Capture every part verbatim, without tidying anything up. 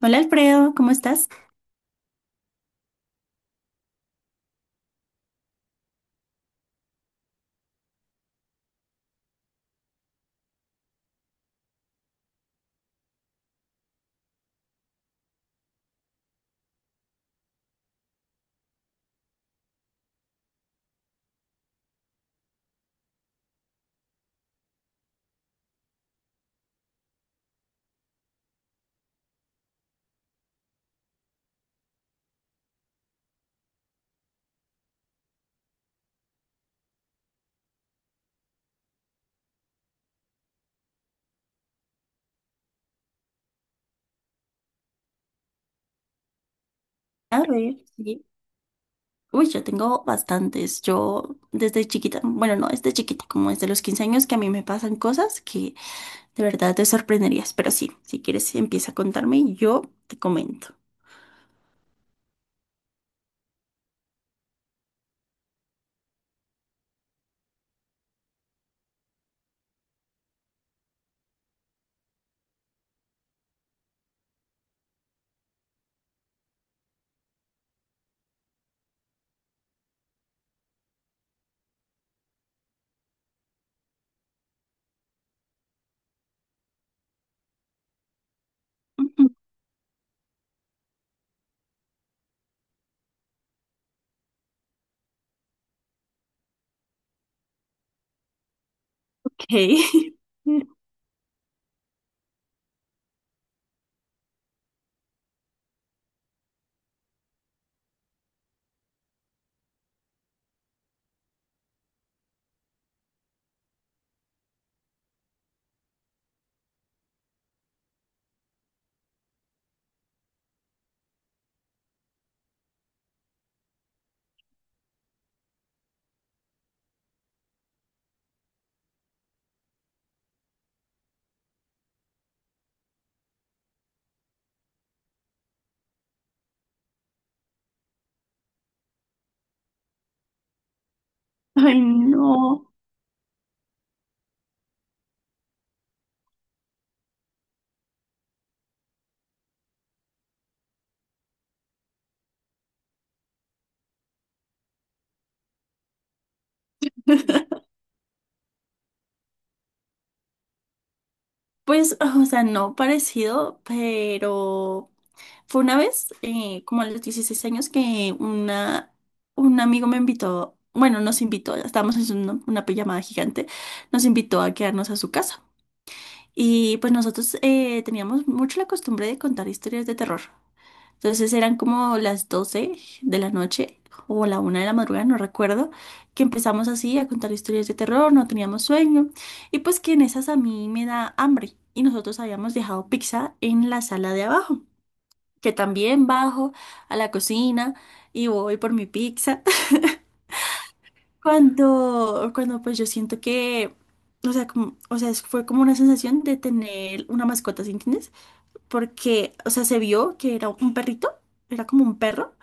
Hola Alfredo, ¿cómo estás? A ver, sí. Uy, yo tengo bastantes. Yo desde chiquita, bueno, no desde chiquita, como desde los quince años que a mí me pasan cosas que de verdad te sorprenderías. Pero sí, si quieres empieza a contarme y yo te comento. Ok. Ay, no. Pues, o sea, no parecido, pero fue una vez, eh, como a los dieciséis años, que una, un amigo me invitó, bueno, nos invitó, estábamos en una, una pijamada gigante, nos invitó a quedarnos a su casa. Y pues nosotros eh, teníamos mucho la costumbre de contar historias de terror. Entonces eran como las doce de la noche o la una de la madrugada, no recuerdo, que empezamos así a contar historias de terror, no teníamos sueño. Y pues que en esas a mí me da hambre y nosotros habíamos dejado pizza en la sala de abajo que también bajo a la cocina y voy por mi pizza. Cuando, cuando pues yo siento que, o sea, como- o sea, es- fue como una sensación de tener una mascota, ¿sí entiendes? Porque, o sea, se vio que era un perrito, era como un perro,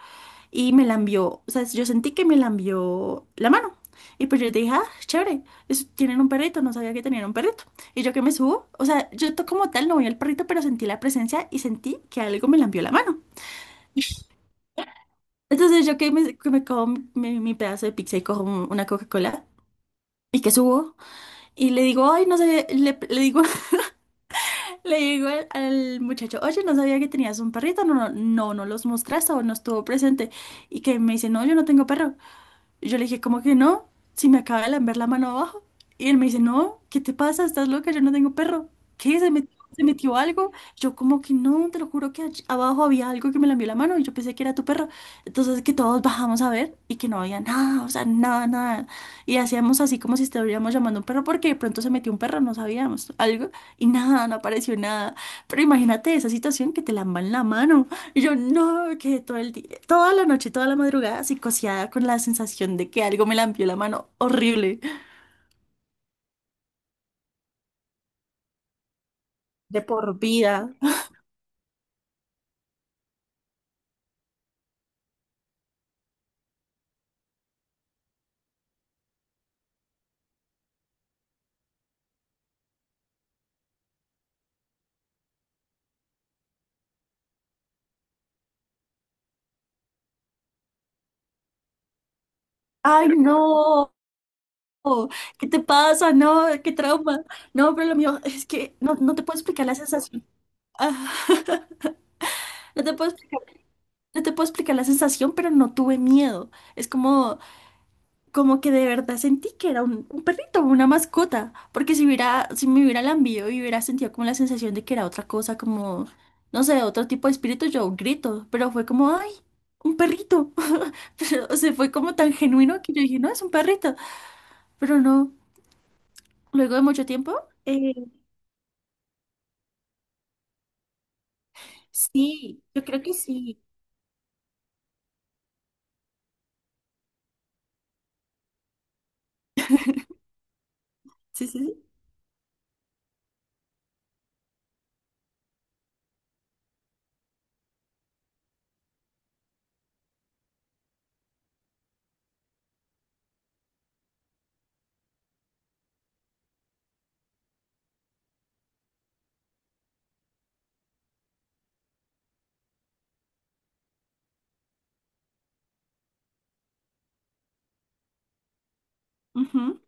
y me lambió, o sea, yo sentí que me lambió la mano. Y pues yo dije, ah, chévere, es- tienen un perrito, no sabía que tenían un perrito. Y yo que me subo, o sea, yo to- como tal no vi al perrito, pero sentí la presencia y sentí que algo me lambió la mano. Entonces yo que me, que me como mi, mi pedazo de pizza y cojo un- una Coca-Cola y que subo y le digo, ay, no sé, le, le digo, le digo al, al muchacho, oye, no sabía que tenías un perrito, no, no, no, no los mostraste o no estuvo presente. Y que me dice, no, yo no tengo perro. Y yo le dije, ¿cómo que no? Si me acaba de lamber la mano abajo. Y él me dice, no, ¿qué te pasa? ¿Estás loca? Yo no tengo perro. ¿Qué? ¿Se metió, ¿se metió algo? Yo como que no, te lo juro que allí abajo había algo que me lambió la mano y yo pensé que era tu perro. Entonces que todos bajamos a ver y que no había nada, o sea, nada, nada. Y hacíamos así como si estuviéramos llamando a un perro porque de pronto se metió un perro, no sabíamos algo y nada, no apareció nada. Pero imagínate esa situación que te lamban la mano. Y yo no, quedé todo el día, toda la noche, toda la madrugada psicoseada con la sensación de que algo me lampió la mano horrible, de por vida. Ay, no, ¿qué te pasa? No, qué trauma. No, pero lo mío es que no, no te puedo explicar la sensación. Ah, no te puedo explicar, no te puedo explicar la sensación, pero no tuve miedo. Es como como que de verdad sentí que era un, un perrito, una mascota, porque si hubiera, si me hubiera lambido y hubiera sentido como la sensación de que era otra cosa, como, no sé, otro tipo de espíritu, yo grito, pero fue como, ay, un perrito, pero, o sea, fue como tan genuino que yo dije, no, es un perrito, pero no, luego de mucho tiempo, eh, sí, yo creo que sí, sí, sí, sí. Ujú.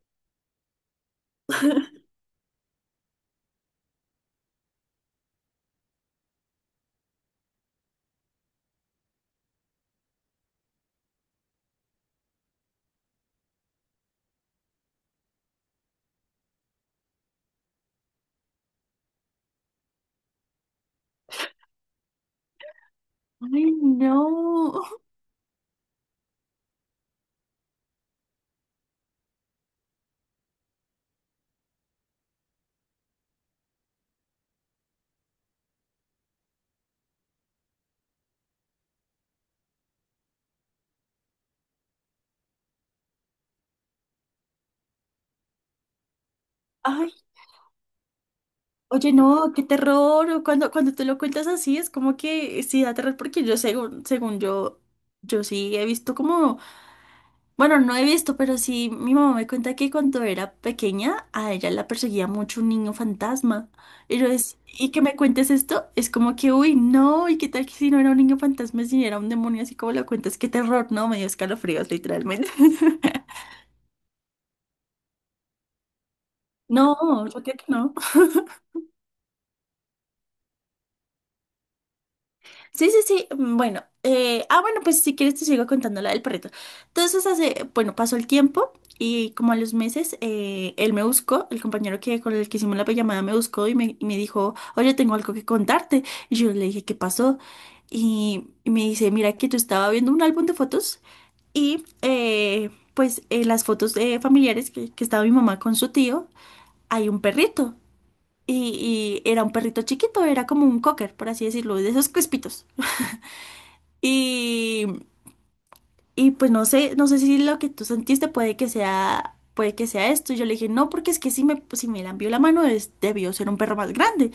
Ay, no, ay, oye, no, qué terror. Cuando, cuando te lo cuentas así, es como que sí da terror, porque yo según, según yo, yo sí he visto como, bueno, no he visto, pero sí mi mamá me cuenta que cuando era pequeña, a ella la perseguía mucho un niño fantasma. Y yo es, y que me cuentes esto, es como que, uy, no, y qué tal que si no era un niño fantasma, si era un demonio, así como lo cuentas, qué terror, no, me dio escalofríos, literalmente. No, yo creo que no. Sí, sí, sí. Mm, bueno, eh, ah, bueno, pues si quieres te sigo contando la del perrito. Entonces, hace, bueno, pasó el tiempo y como a los meses, eh, él me buscó, el compañero que con el que hicimos la llamada me buscó y me, y me dijo, oye, tengo algo que contarte. Y yo le dije, ¿qué pasó? Y, y me dice, mira que yo estaba viendo un álbum de fotos y eh, pues en las fotos eh, familiares que, que estaba mi mamá con su tío, hay un perrito. Y, y era un perrito chiquito, era como un cocker, por así decirlo, de esos crespitos. Y, y pues no sé, no sé si lo que tú sentiste puede que sea, puede que sea esto. Y yo le dije, no, porque es que si me, si me lambió la mano, es- debió ser un perro más grande.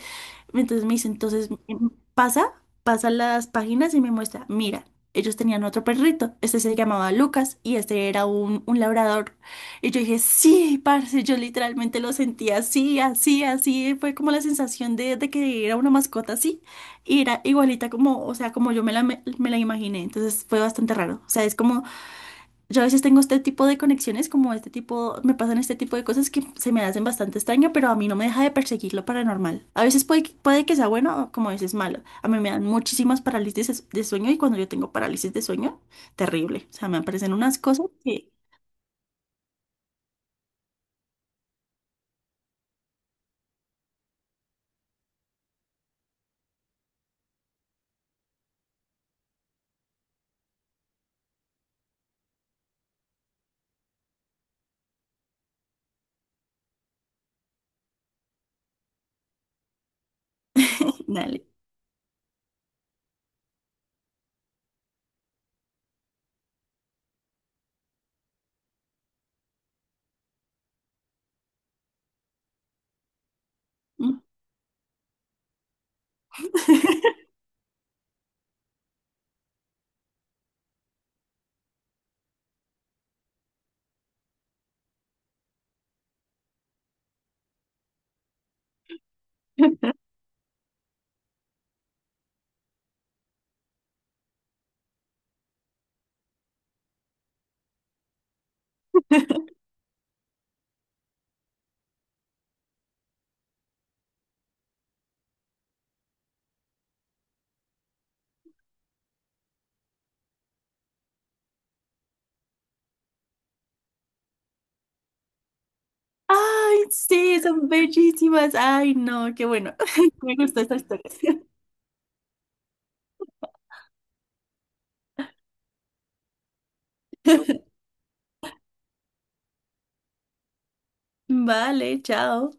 Entonces me dice, entonces mm, pasa, pasa las páginas y me muestra, mira, ellos tenían otro perrito, este se llamaba Lucas y este era un, un labrador. Y yo dije, sí, parce, yo literalmente lo sentía así, así, así, fue como la sensación de, de que era una mascota así y era igualita como, o sea, como yo me la, me, la imaginé, entonces fue bastante raro. O sea, es como, yo a veces tengo este tipo de conexiones, como este tipo, me pasan este tipo de cosas que se me hacen bastante extraño, pero a mí no me deja de perseguir lo paranormal. A veces puede, que- puede que sea bueno o como a veces malo. A mí me dan muchísimas parálisis de sueño y cuando yo tengo parálisis de sueño, terrible. O sea, me aparecen unas cosas que, dale. Ay, sí, son bellísimas. Ay, no, qué bueno. Me gustó esta historia. Vale, chao.